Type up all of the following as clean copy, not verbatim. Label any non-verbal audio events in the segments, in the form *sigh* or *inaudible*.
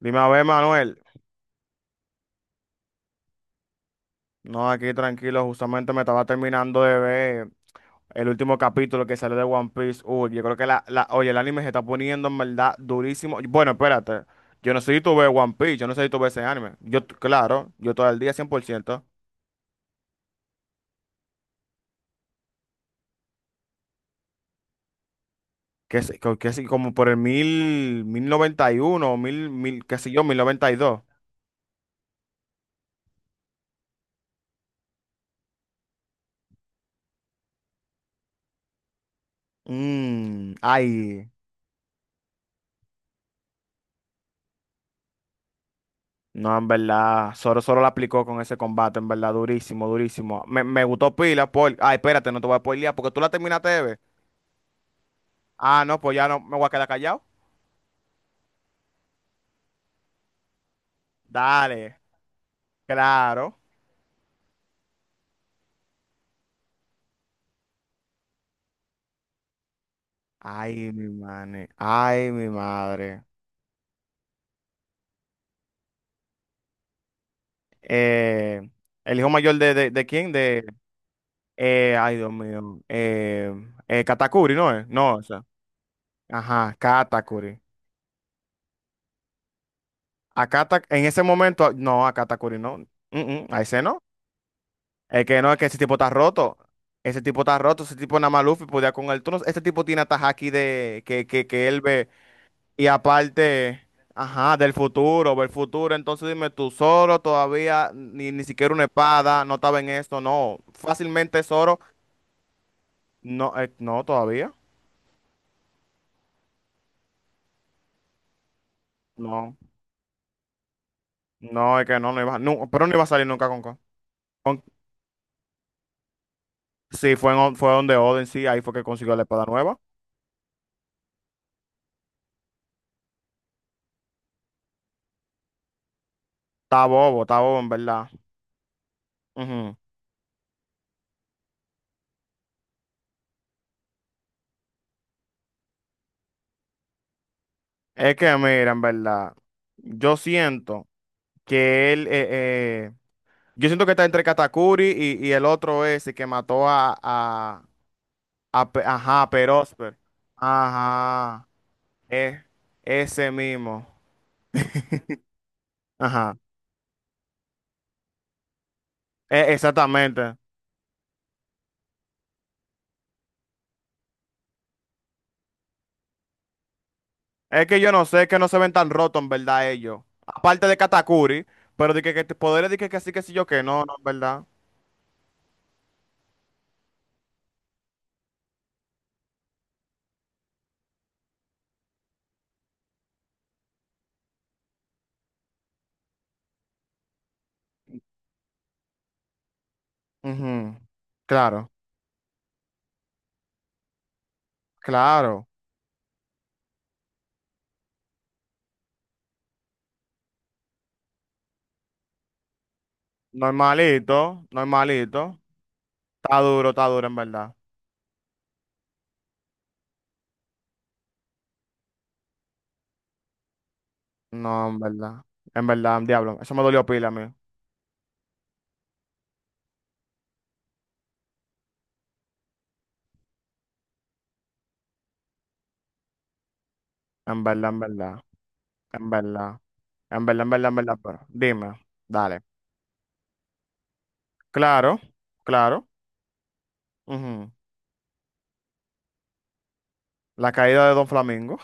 Dime a ver, Manuel. No, aquí tranquilo, justamente me estaba terminando de ver el último capítulo que salió de One Piece. Uy, yo creo que oye, el anime se está poniendo en verdad durísimo. Bueno, espérate. Yo no sé si tú ves One Piece, yo no sé si tú ves ese anime. Yo, claro, yo todo el día 100%. Que sé, que sé, como por el 1091, qué sé yo, ¿1092? Mm, ay. No, en verdad, Zoro la aplicó con ese combate, en verdad, durísimo, durísimo. Me gustó pila, por— Ay, espérate, no te voy a spoilear, porque tú la terminaste de ver. Ah, no, pues ya no, me voy a quedar callado. Dale, claro. Ay, mi madre, ay, mi madre. Eh, ¿el hijo mayor de quién? De, ay, Dios mío. Katakuri, ¿no es? No, o sea, ajá, Katakuri. En ese momento, no, a Katakuri no. Mm, a ese no. Es que no, es que ese tipo está roto. Ese tipo está roto, ese tipo nada más Luffy podía con él. Tú este tipo tiene hasta aquí de que él ve. Y aparte, ajá, del futuro, del futuro. Entonces dime tú, Zoro todavía ni, ni siquiera una espada, no estaba en esto, no. Fácilmente Zoro, no, no, todavía. No, no, es que no, no iba, no, pero no iba a salir nunca con, con- sí, fue donde Oden, sí, ahí fue que consiguió la espada nueva. Está bobo en verdad. Ujú. Es que, mira, en verdad, yo siento que él, eh, eh, yo siento que está entre Katakuri y el otro ese que mató a ajá, a Perósper. Ajá, es ese mismo. Ajá, exactamente. Es que yo no sé, es que no se ven tan rotos, en verdad, ellos. Aparte de Katakuri, pero de que, poderes de que sí, yo que no, no, en verdad. Ujú. Claro, claro. Normalito, normalito. Está duro, en verdad. No, en verdad. En verdad, diablo. Eso me dolió pila a mí. En verdad, en verdad. En verdad. En verdad, en verdad, en verdad. Pero dime. Dale. Claro. Claro. Ujú. La caída de Don Flamingo.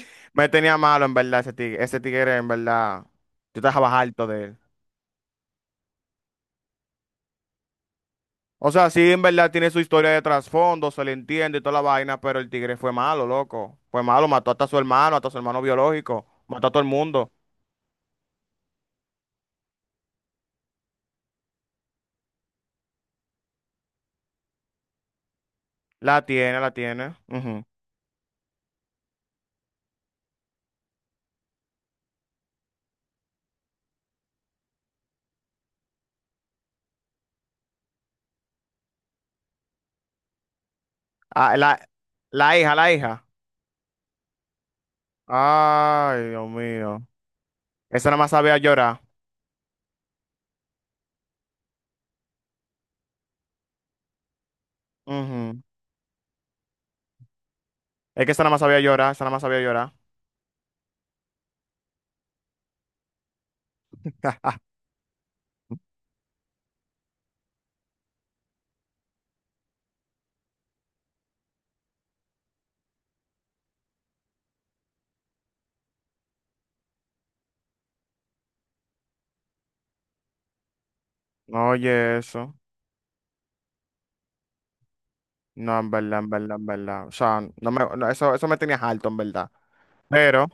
*laughs* Me tenía malo, en verdad, ese tigre. Ese tigre, en verdad. Yo estaba harto de él. O sea, sí, en verdad tiene su historia de trasfondo, se le entiende y toda la vaina, pero el tigre fue malo, loco. Fue malo, mató hasta a su hermano, hasta a su hermano biológico. Mató a todo el mundo. La tiene, la tiene. Ujú. Ah, la hija. Ay, Dios mío. Esa nada más sabía llorar. Ujú. Es que esa nada más sabía llorar, esa nada más sabía llorar. *laughs* Oye, eso. No, en verdad, en verdad, en verdad. O sea, no me, no, eso me tenía alto, en verdad. Pero,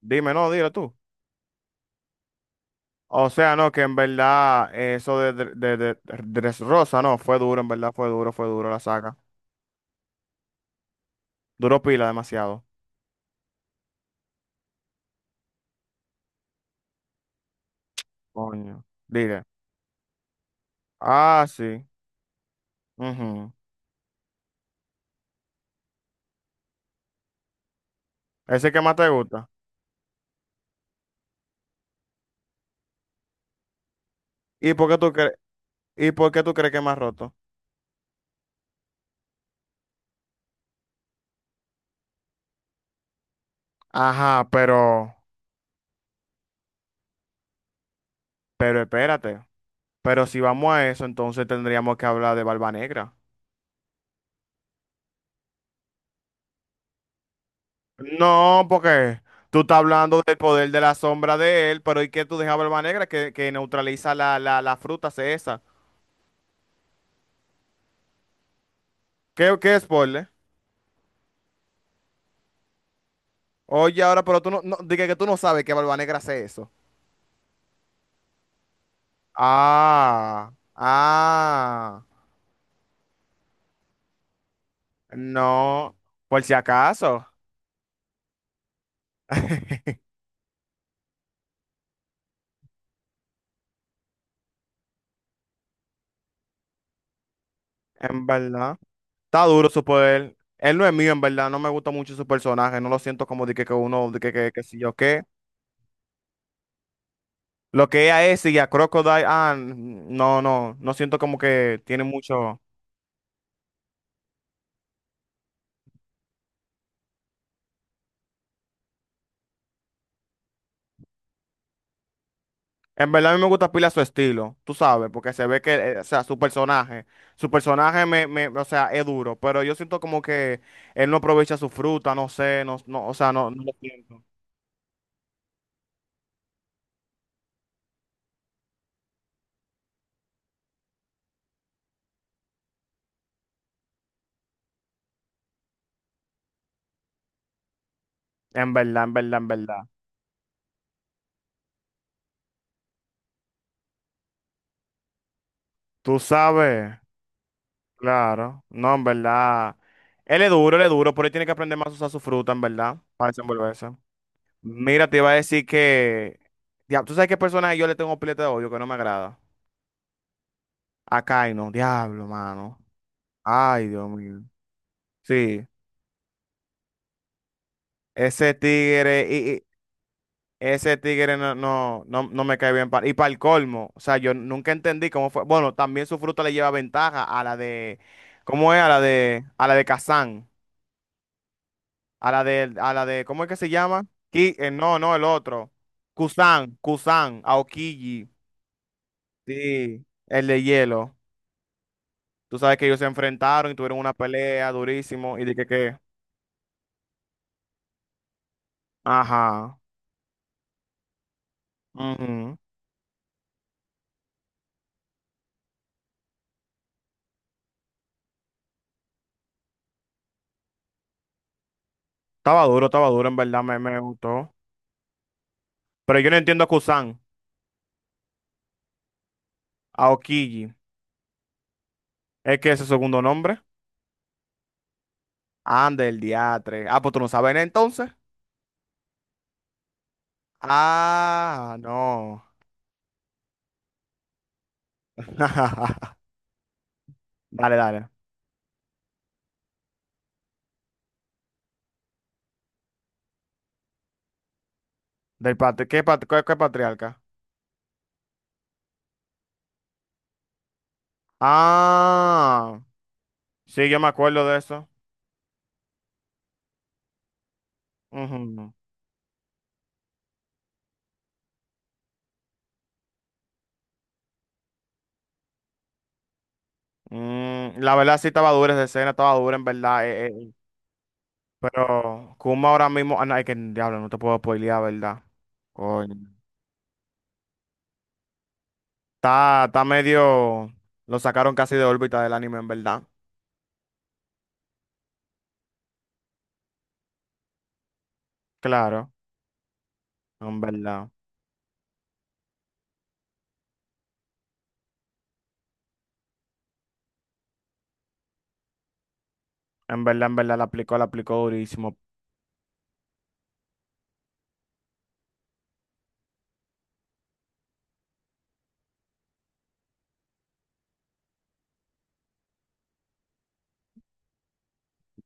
dime, no, dilo tú. O sea, no, que en verdad eso de Dressrosa, no, fue duro, en verdad, fue duro la saga. Duró pila demasiado. Coño. Dile. Ah, sí. Ujú. Ese que más te gusta. ¿Y por qué tú crees, y por qué tú crees que es más roto? Ajá, pero— Pero espérate, pero si vamos a eso, entonces tendríamos que hablar de Barba Negra. No, porque tú estás hablando del poder de la sombra de él, pero ¿y qué tú dejas a Barba Negra que neutraliza la fruta, hace esa? ¿Qué spoiler? Oye, ahora, pero tú no, no dije que tú no sabes que Barba Negra hace eso. Ah, ah, no, por si acaso, *laughs* en verdad. Está duro su poder. Él no es mío, en verdad. No me gusta mucho su personaje. No lo siento como de que, uno, de que, si yo qué. Lo que es a ese y a Crocodile, ah, no, no, no siento como que tiene mucho. En verdad a mí me gusta pila su estilo, tú sabes, porque se ve que, o sea, su personaje, o sea, es duro, pero yo siento como que él no aprovecha su fruta, no sé, no, no, o sea, no, no lo siento. En verdad, en verdad, en verdad. Tú sabes, claro, no, en verdad. Él es duro, pero él tiene que aprender más a usar su fruta, en verdad, para desenvolverse. Mira, te iba a decir que— Diablo, ¿tú sabes qué personaje yo le tengo pileta de odio que no me agrada? A Kaino, diablo, mano. Ay, Dios mío. Sí, ese tigre, ese tigre no, no, no, no me cae bien. Y para el colmo, o sea, yo nunca entendí cómo fue. Bueno, también su fruta le lleva ventaja a la de. ¿Cómo es? A la de. A la de Kazan. A la de. A la de. ¿Cómo es que se llama? No, no, el otro. Kusan, Kusan, Aokiji. Sí, el de hielo. Tú sabes que ellos se enfrentaron y tuvieron una pelea durísimo y dije que, ajá, ujú. Estaba duro, en verdad me gustó. Pero yo no entiendo a Kusan, a Okiji. ¿Es que ese segundo nombre? Ande el diatre. Ah, pues tú no sabes entonces. Ah, no. *laughs* Dale, dale. Del patri ¿Qué qué patriarca? Ah, sí, yo me acuerdo de eso. Ujú. Mm, la verdad sí estaba dura esa escena, estaba dura en verdad. Pero Kuma ahora mismo, ah, no, es que diablo, no te puedo spoilear, ¿verdad? Coño. Está medio. Lo sacaron casi de órbita del anime, en verdad. Claro, en verdad. En verdad, en verdad, la aplicó durísimo,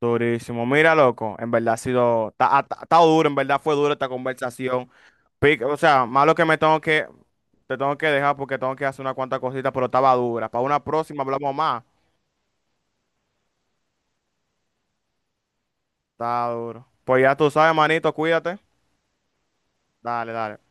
durísimo. Mira, loco, en verdad ha sido, ha estado duro, en verdad fue dura esta conversación. O sea, malo que me tengo que, te tengo que dejar porque tengo que hacer una cuantas cositas, pero estaba dura. Para una próxima hablamos más. Está duro. Pues ya tú sabes, manito, cuídate. Dale, dale.